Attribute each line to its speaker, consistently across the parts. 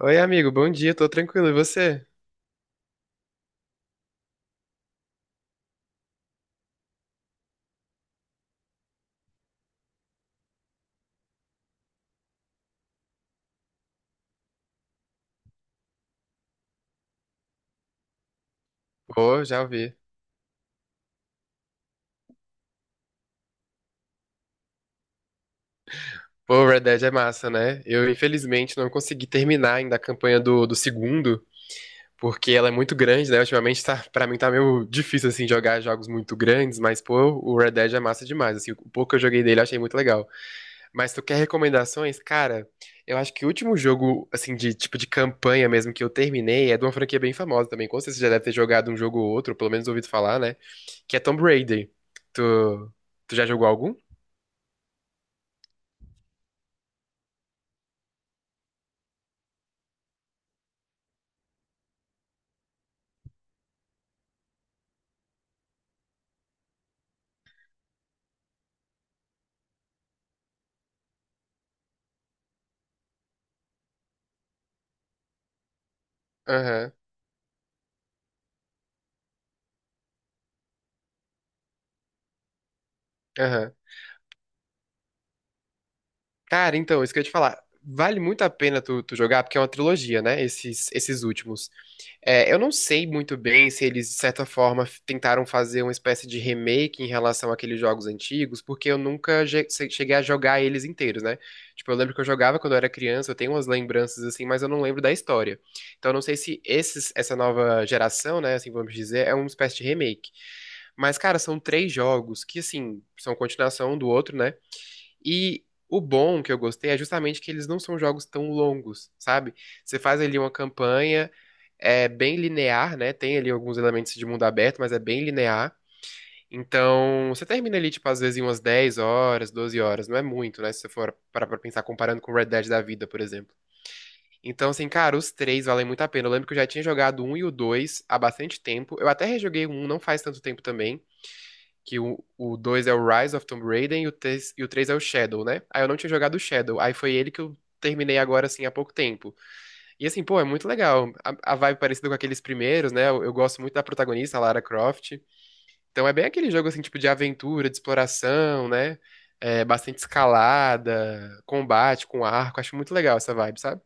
Speaker 1: Oi, amigo, bom dia, tô tranquilo, e você? Pô, já ouvi. Pô, Red Dead é massa, né? Eu, infelizmente, não consegui terminar ainda a campanha do segundo, porque ela é muito grande, né? Ultimamente, tá, pra mim, tá meio difícil, assim, jogar jogos muito grandes, mas, pô, o Red Dead é massa demais, assim, o pouco que eu joguei dele, eu achei muito legal. Mas tu quer recomendações? Cara, eu acho que o último jogo, assim, de tipo de campanha mesmo que eu terminei é de uma franquia bem famosa também. Com certeza você já deve ter jogado um jogo ou outro, ou pelo menos ouvido falar, né? Que é Tomb Raider. Tu, tu já jogou algum? Aham, aham. Cara, então, isso que eu ia te falar. Vale muito a pena tu jogar, porque é uma trilogia, né? Esses últimos. É, eu não sei muito bem se eles, de certa forma, tentaram fazer uma espécie de remake em relação àqueles jogos antigos, porque eu nunca cheguei a jogar eles inteiros, né? Tipo, eu lembro que eu jogava quando eu era criança, eu tenho umas lembranças assim, mas eu não lembro da história. Então, eu não sei se esses, essa nova geração, né, assim vamos dizer, é uma espécie de remake. Mas, cara, são três jogos que, assim, são continuação um do outro, né? E o bom que eu gostei é justamente que eles não são jogos tão longos, sabe? Você faz ali uma campanha é bem linear, né? Tem ali alguns elementos de mundo aberto, mas é bem linear. Então, você termina ali, tipo, às vezes em umas 10 horas, 12 horas, não é muito, né? Se você for parar pra pensar comparando com Red Dead da vida, por exemplo. Então, assim, cara, os três valem muito a pena. Eu lembro que eu já tinha jogado o um e o dois há bastante tempo. Eu até rejoguei o um não faz tanto tempo também, que o dois é o Rise of Tomb Raider e o três é o Shadow, né? Aí eu não tinha jogado o Shadow, aí foi ele que eu terminei agora, assim, há pouco tempo. E assim, pô, é muito legal. A vibe parecida com aqueles primeiros, né? Eu gosto muito da protagonista, a Lara Croft. Então é bem aquele jogo, assim, tipo de aventura, de exploração, né? É, bastante escalada, combate com arco. Acho muito legal essa vibe, sabe?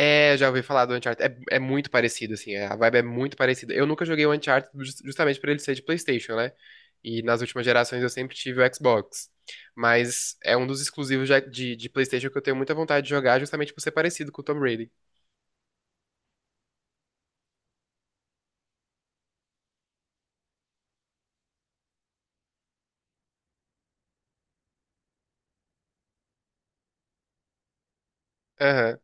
Speaker 1: É, já ouvi falar do Uncharted. É muito parecido, assim, é, a vibe é muito parecida. Eu nunca joguei o Uncharted justamente por ele ser de PlayStation, né? E nas últimas gerações eu sempre tive o Xbox. Mas é um dos exclusivos já de PlayStation que eu tenho muita vontade de jogar, justamente por ser parecido com o Tom Brady. Aham.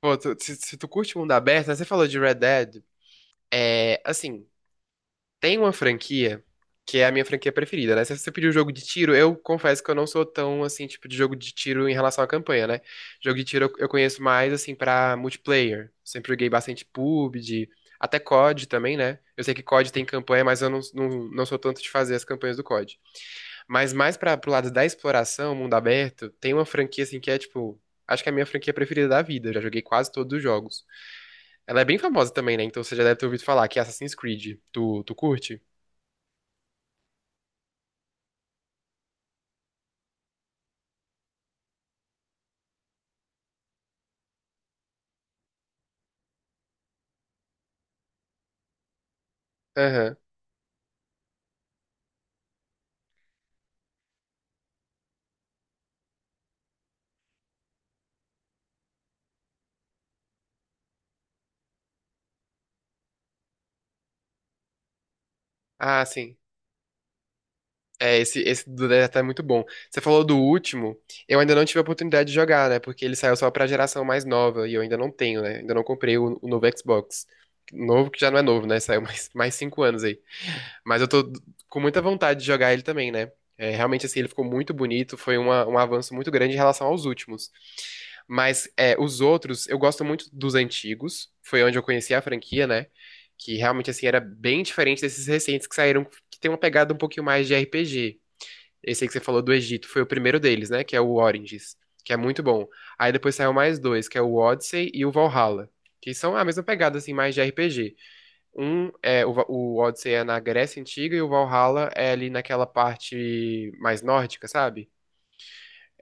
Speaker 1: Pô, se tu curte mundo aberto, né, você falou de Red Dead. É, assim, tem uma franquia que é a minha franquia preferida, né? Se você pediu jogo de tiro, eu confesso que eu não sou tão, assim, tipo de jogo de tiro em relação à campanha, né? Jogo de tiro eu conheço mais, assim, pra multiplayer. Sempre joguei bastante PUBG, até COD também, né? Eu sei que COD tem campanha, mas eu não, não, não sou tanto de fazer as campanhas do COD. Mas mais pro lado da exploração, mundo aberto, tem uma franquia, assim, que é, tipo, acho que é a minha franquia preferida da vida. Eu já joguei quase todos os jogos. Ela é bem famosa também, né? Então você já deve ter ouvido falar que é Assassin's Creed. Tu curte? Aham. Ah, sim. É, esse do Delta é muito bom. Você falou do último, eu ainda não tive a oportunidade de jogar, né? Porque ele saiu só pra geração mais nova e eu ainda não tenho, né? Ainda não comprei o novo Xbox. Novo que já não é novo, né? Saiu mais 5 anos aí. Mas eu tô com muita vontade de jogar ele também, né? É, realmente, assim, ele ficou muito bonito, foi um avanço muito grande em relação aos últimos. Mas é, os outros, eu gosto muito dos antigos, foi onde eu conheci a franquia, né? Que realmente, assim, era bem diferente desses recentes que saíram, que tem uma pegada um pouquinho mais de RPG. Esse aí que você falou do Egito foi o primeiro deles, né? Que é o Origins, que é muito bom. Aí depois saiu mais dois, que é o Odyssey e o Valhalla, que são a mesma pegada, assim, mais de RPG. Um é o Odyssey, é na Grécia Antiga e o Valhalla é ali naquela parte mais nórdica, sabe?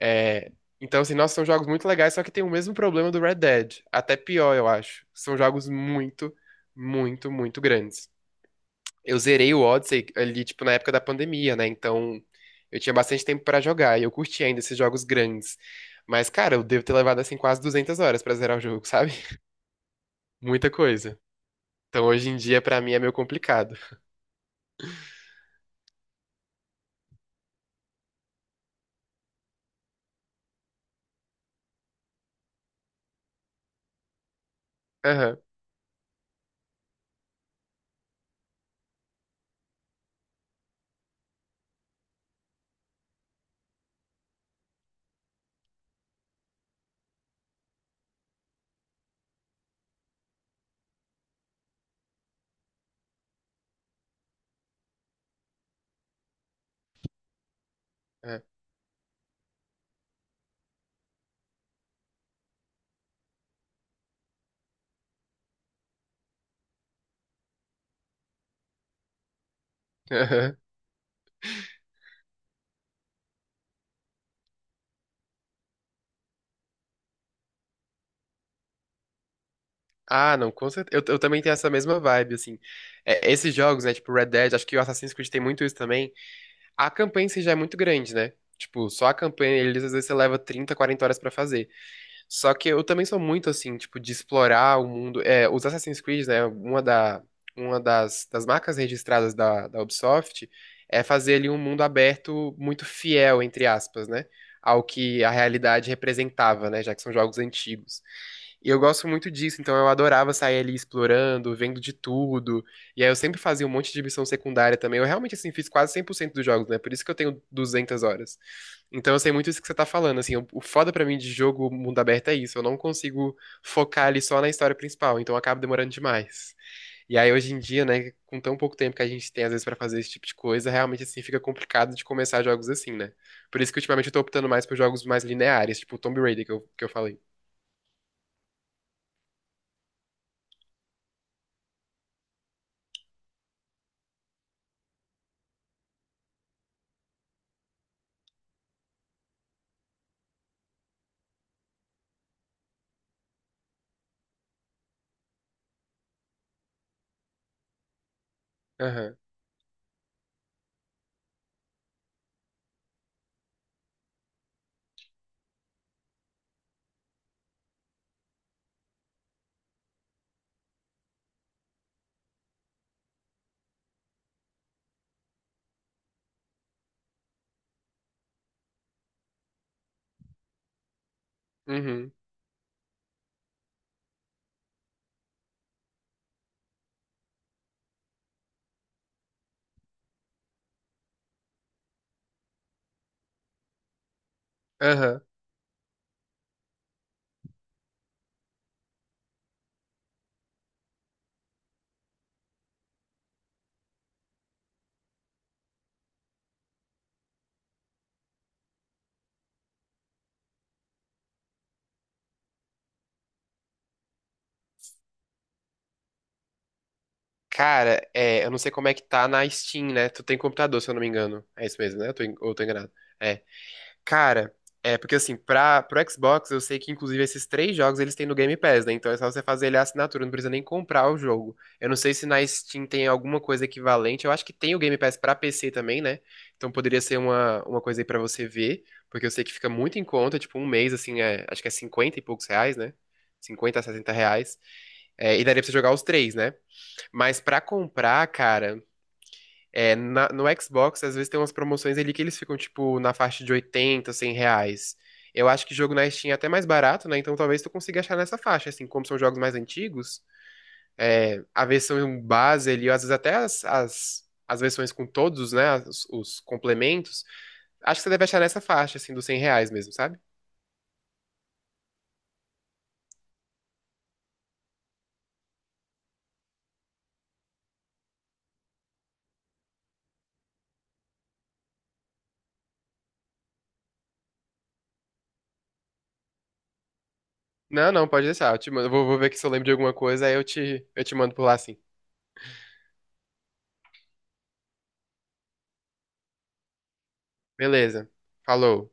Speaker 1: É, então, assim, nossa, são jogos muito legais, só que tem o mesmo problema do Red Dead. Até pior, eu acho. São jogos muito, muito, muito grandes. Eu zerei o Odyssey ali, tipo, na época da pandemia, né? Então, eu tinha bastante tempo pra jogar e eu curti ainda esses jogos grandes. Mas, cara, eu devo ter levado, assim, quase 200 horas pra zerar o jogo, sabe? Muita coisa. Então, hoje em dia, pra mim, é meio complicado. Aham. É. Ah, não, com certeza. Eu também tenho essa mesma vibe, assim. É, esses jogos, né, tipo Red Dead, acho que o Assassin's Creed tem muito isso também. A campanha em si já é muito grande, né? Tipo, só a campanha, eles às vezes você leva 30, 40 horas pra fazer. Só que eu também sou muito assim, tipo, de explorar o mundo. É, os Assassin's Creed, né? Uma das marcas registradas da Ubisoft é fazer ali um mundo aberto muito fiel, entre aspas, né? Ao que a realidade representava, né? Já que são jogos antigos. E eu gosto muito disso, então eu adorava sair ali explorando, vendo de tudo. E aí eu sempre fazia um monte de missão secundária também. Eu realmente, assim, fiz quase 100% dos jogos, né? Por isso que eu tenho 200 horas. Então eu sei muito isso que você tá falando, assim, o foda pra mim de jogo mundo aberto é isso, eu não consigo focar ali só na história principal, então acaba demorando demais. E aí hoje em dia, né, com tão pouco tempo que a gente tem às vezes pra fazer esse tipo de coisa, realmente assim fica complicado de começar jogos assim, né? Por isso que ultimamente eu tô optando mais por jogos mais lineares, tipo o Tomb Raider que eu falei. Aham. Uhum. Aham. Cara, é, eu não sei como é que tá na Steam, né? Tu tem computador, se eu não me engano. É isso mesmo, né? Eu tô ou eu tô enganado? É. Cara, é porque assim, pro Xbox, eu sei que inclusive esses três jogos eles têm no Game Pass, né? Então é só você fazer ele a assinatura, não precisa nem comprar o jogo. Eu não sei se na Steam tem alguma coisa equivalente. Eu acho que tem o Game Pass pra PC também, né? Então poderia ser uma coisa aí pra você ver, porque eu sei que fica muito em conta, tipo um mês, assim, é, acho que é 50 e poucos reais, né? 50 a 60 reais. É, e daria pra você jogar os três, né? Mas pra comprar, cara. É, no Xbox, às vezes tem umas promoções ali que eles ficam, tipo, na faixa de 80, 100 reais. Eu acho que jogo na Steam é até mais barato, né? Então talvez tu consiga achar nessa faixa, assim, como são jogos mais antigos, é, a versão base ali, ou às vezes até as versões com todos, né? Os complementos. Acho que você deve achar nessa faixa, assim, dos 100 reais mesmo, sabe? Não, não, pode deixar. Eu te mando, eu vou ver aqui se eu lembro de alguma coisa, aí eu te mando por lá, assim. Beleza. Falou.